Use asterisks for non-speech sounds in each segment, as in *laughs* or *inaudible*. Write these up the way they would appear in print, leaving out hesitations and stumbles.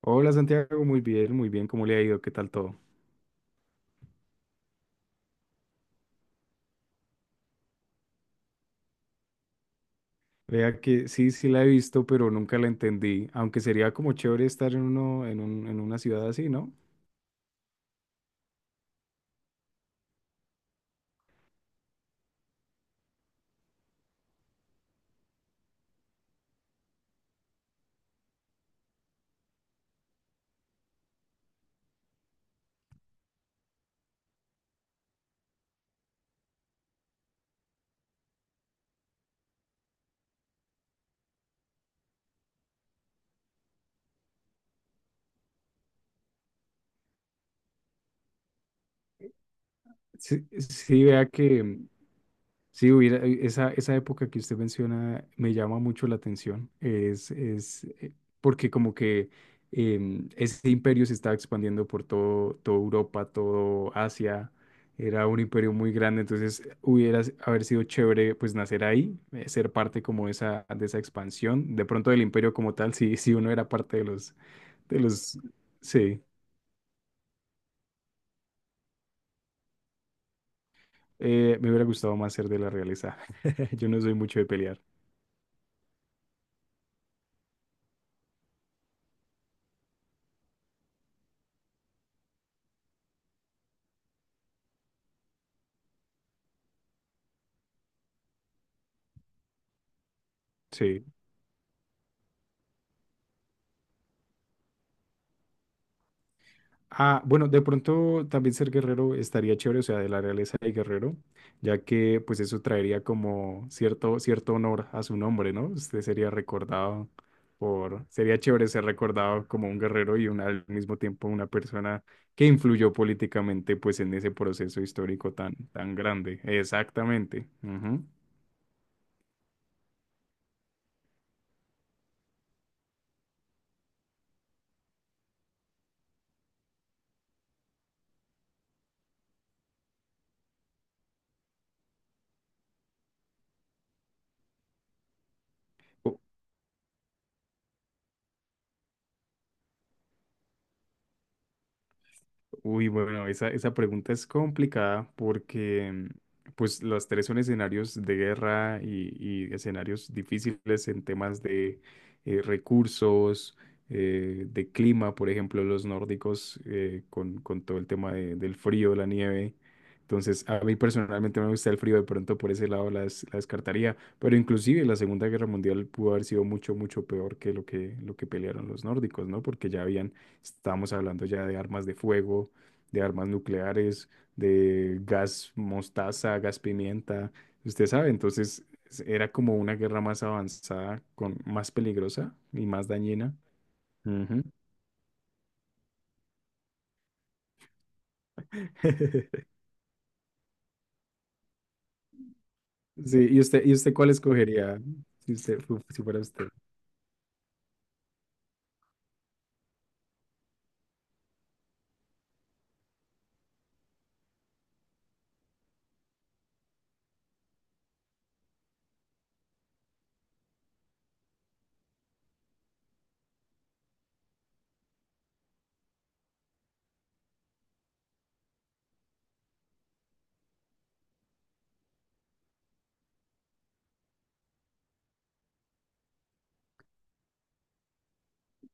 Hola Santiago, muy bien, ¿cómo le ha ido? ¿Qué tal todo? Vea que sí, sí la he visto, pero nunca la entendí, aunque sería como chévere estar en uno, en un, en una ciudad así, ¿no? Sí, sí, vea que sí, hubiera, esa época que usted menciona me llama mucho la atención. Es porque como que ese imperio se estaba expandiendo por toda Europa, todo Asia. Era un imperio muy grande, entonces haber sido chévere pues nacer ahí, ser parte como de esa expansión. De pronto del imperio como tal, si uno era parte de los, sí, me hubiera gustado más ser de la realeza. *laughs* Yo no soy mucho de pelear. Sí. Ah, bueno, de pronto también ser guerrero estaría chévere, o sea, de la realeza de guerrero, ya que pues eso traería como cierto honor a su nombre, ¿no? Usted sería sería chévere ser recordado como un guerrero y al mismo tiempo una persona que influyó políticamente pues en ese proceso histórico tan grande. Exactamente. Ujú. Uy, bueno, esa pregunta es complicada porque pues las tres son escenarios de guerra y escenarios difíciles en temas de recursos, de clima, por ejemplo, los nórdicos con todo el tema del frío, la nieve. Entonces, a mí personalmente me gusta el frío, de pronto por ese lado la descartaría, pero inclusive la Segunda Guerra Mundial pudo haber sido mucho, mucho peor que lo que pelearon los nórdicos, ¿no? Porque ya habían, estábamos hablando ya de armas de fuego, de armas nucleares, de gas mostaza, gas pimienta, usted sabe, entonces era como una guerra más avanzada, con más peligrosa y más dañina. Ujú. *laughs* Sí, ¿y usted cuál escogería si si fuera usted?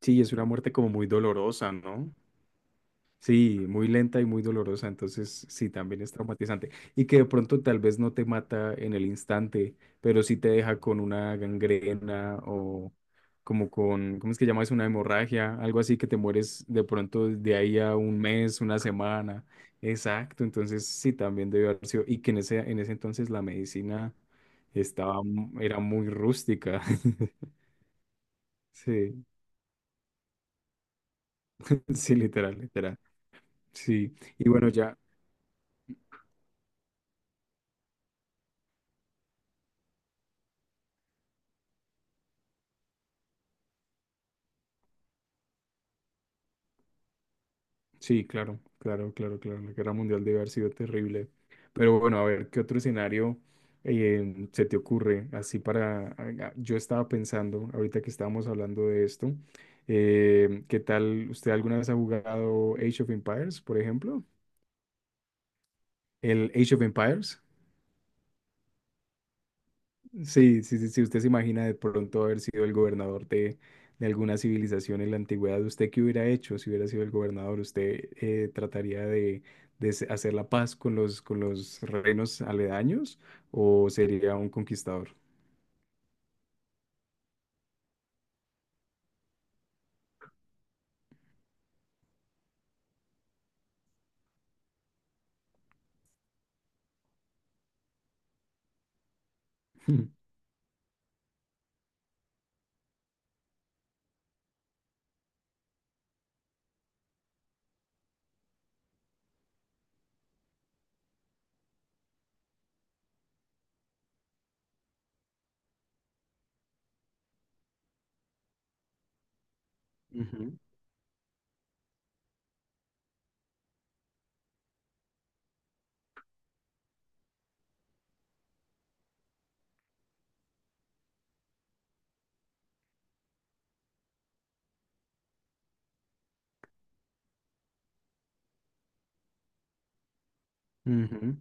Sí, es una muerte como muy dolorosa, ¿no? Sí, muy lenta y muy dolorosa, entonces sí, también es traumatizante. Y que de pronto tal vez no te mata en el instante, pero sí te deja con una gangrena o como con, ¿cómo es que llamas? Una hemorragia, algo así que te mueres de pronto de ahí a un mes, una semana. Exacto, entonces sí, también debió haber sido. Y que en en ese entonces la medicina era muy rústica. *laughs* Sí, sí, literal, literal. Sí, y bueno, ya. Sí, claro, claro, claro, claro. La guerra mundial debe haber sido terrible. Pero bueno, a ver, ¿qué otro escenario se te ocurre? Así para... ah, yo estaba pensando, ahorita que estábamos hablando de esto, ¿qué tal? ¿Usted alguna vez ha jugado Age of Empires, por ejemplo? El Age of Empires. Sí, sí, sí, sí, usted se imagina de pronto haber sido el gobernador de alguna civilización en la antigüedad, ¿usted qué hubiera hecho si hubiera sido el gobernador? ¿Usted trataría de, hacer la paz con los reinos aledaños o sería un conquistador? *laughs* Ujú.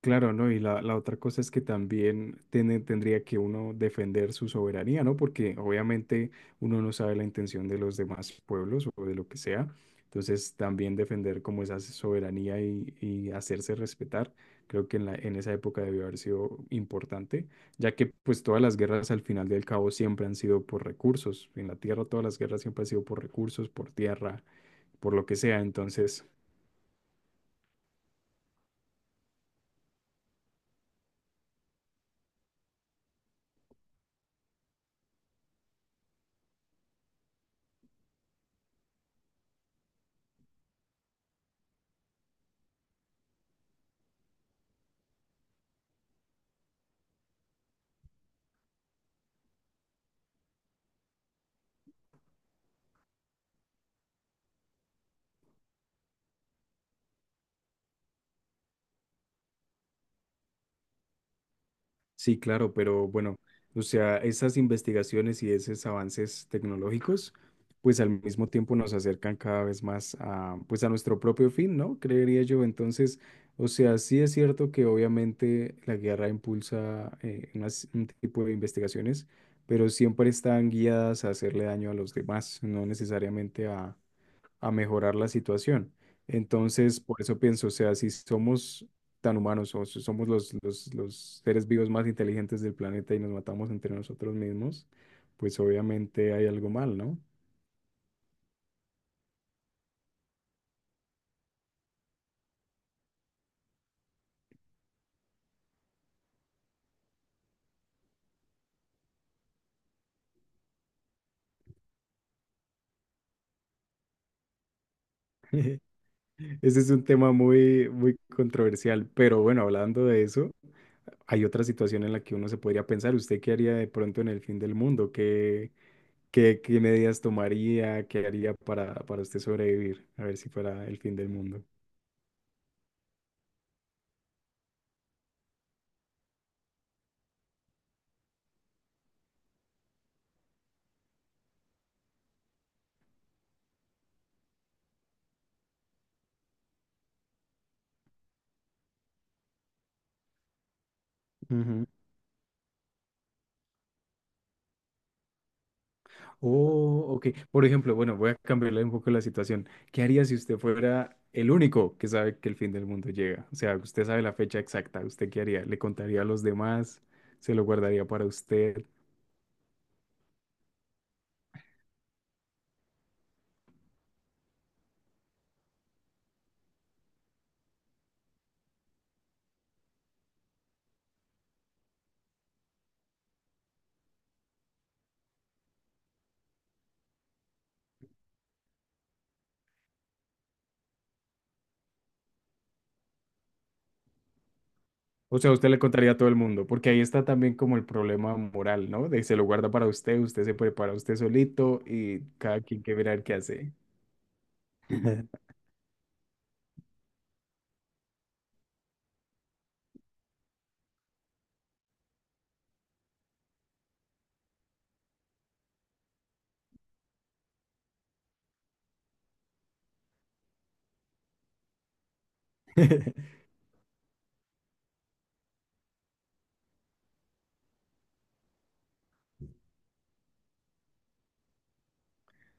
Claro, ¿no? Y la otra cosa es que también tendría que uno defender su soberanía, ¿no? Porque obviamente uno no sabe la intención de los demás pueblos o de lo que sea. Entonces, también defender como esa soberanía y hacerse respetar, creo que en en esa época debió haber sido importante, ya que pues todas las guerras al final del cabo siempre han sido por recursos. En la tierra todas las guerras siempre han sido por recursos, por tierra, por lo que sea. Entonces... Sí, claro, pero bueno, o sea, esas investigaciones y esos avances tecnológicos, pues al mismo tiempo nos acercan cada vez más a, pues a nuestro propio fin, ¿no? Creería yo. Entonces, o sea, sí es cierto que obviamente la guerra impulsa un tipo de investigaciones, pero siempre están guiadas a hacerle daño a los demás, no necesariamente a mejorar la situación. Entonces, por eso pienso, o sea, si somos tan humanos o si somos los seres vivos más inteligentes del planeta y nos matamos entre nosotros mismos, pues obviamente hay algo mal, ¿no? *laughs* Ese es un tema muy, muy controversial, pero bueno, hablando de eso, hay otra situación en la que uno se podría pensar, ¿usted qué haría de pronto en el fin del mundo? ¿Qué, qué, qué medidas tomaría? ¿Qué haría para usted sobrevivir? A ver si fuera el fin del mundo. Oh, ok. Por ejemplo, bueno, voy a cambiarle un poco la situación. ¿Qué haría si usted fuera el único que sabe que el fin del mundo llega? O sea, usted sabe la fecha exacta. ¿Usted qué haría? ¿Le contaría a los demás? ¿Se lo guardaría para usted? O sea, usted le contaría a todo el mundo, porque ahí está también como el problema moral, ¿no? De se lo guarda para usted, usted se prepara usted solito y cada quien que verá qué hace. *laughs*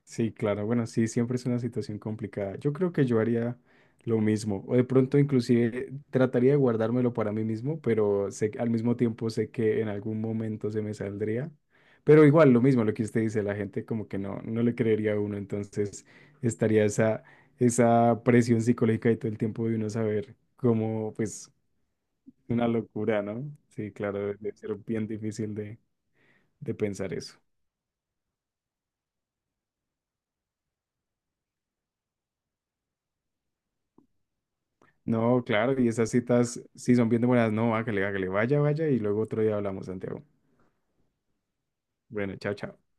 Sí, claro, bueno, sí, siempre es una situación complicada. Yo creo que yo haría lo mismo, o de pronto inclusive trataría de guardármelo para mí mismo, pero sé, al mismo tiempo sé que en algún momento se me saldría. Pero igual, lo mismo, lo que usted dice, la gente como que no, no le creería a uno, entonces estaría esa presión psicológica y todo el tiempo de uno saber cómo, pues, una locura, ¿no? Sí, claro, debe ser bien difícil de pensar eso. No, claro, y esas citas sí son bien demoradas. No, hágale, hágale, vaya, vaya, y luego otro día hablamos, Santiago. Bueno, chao, chao.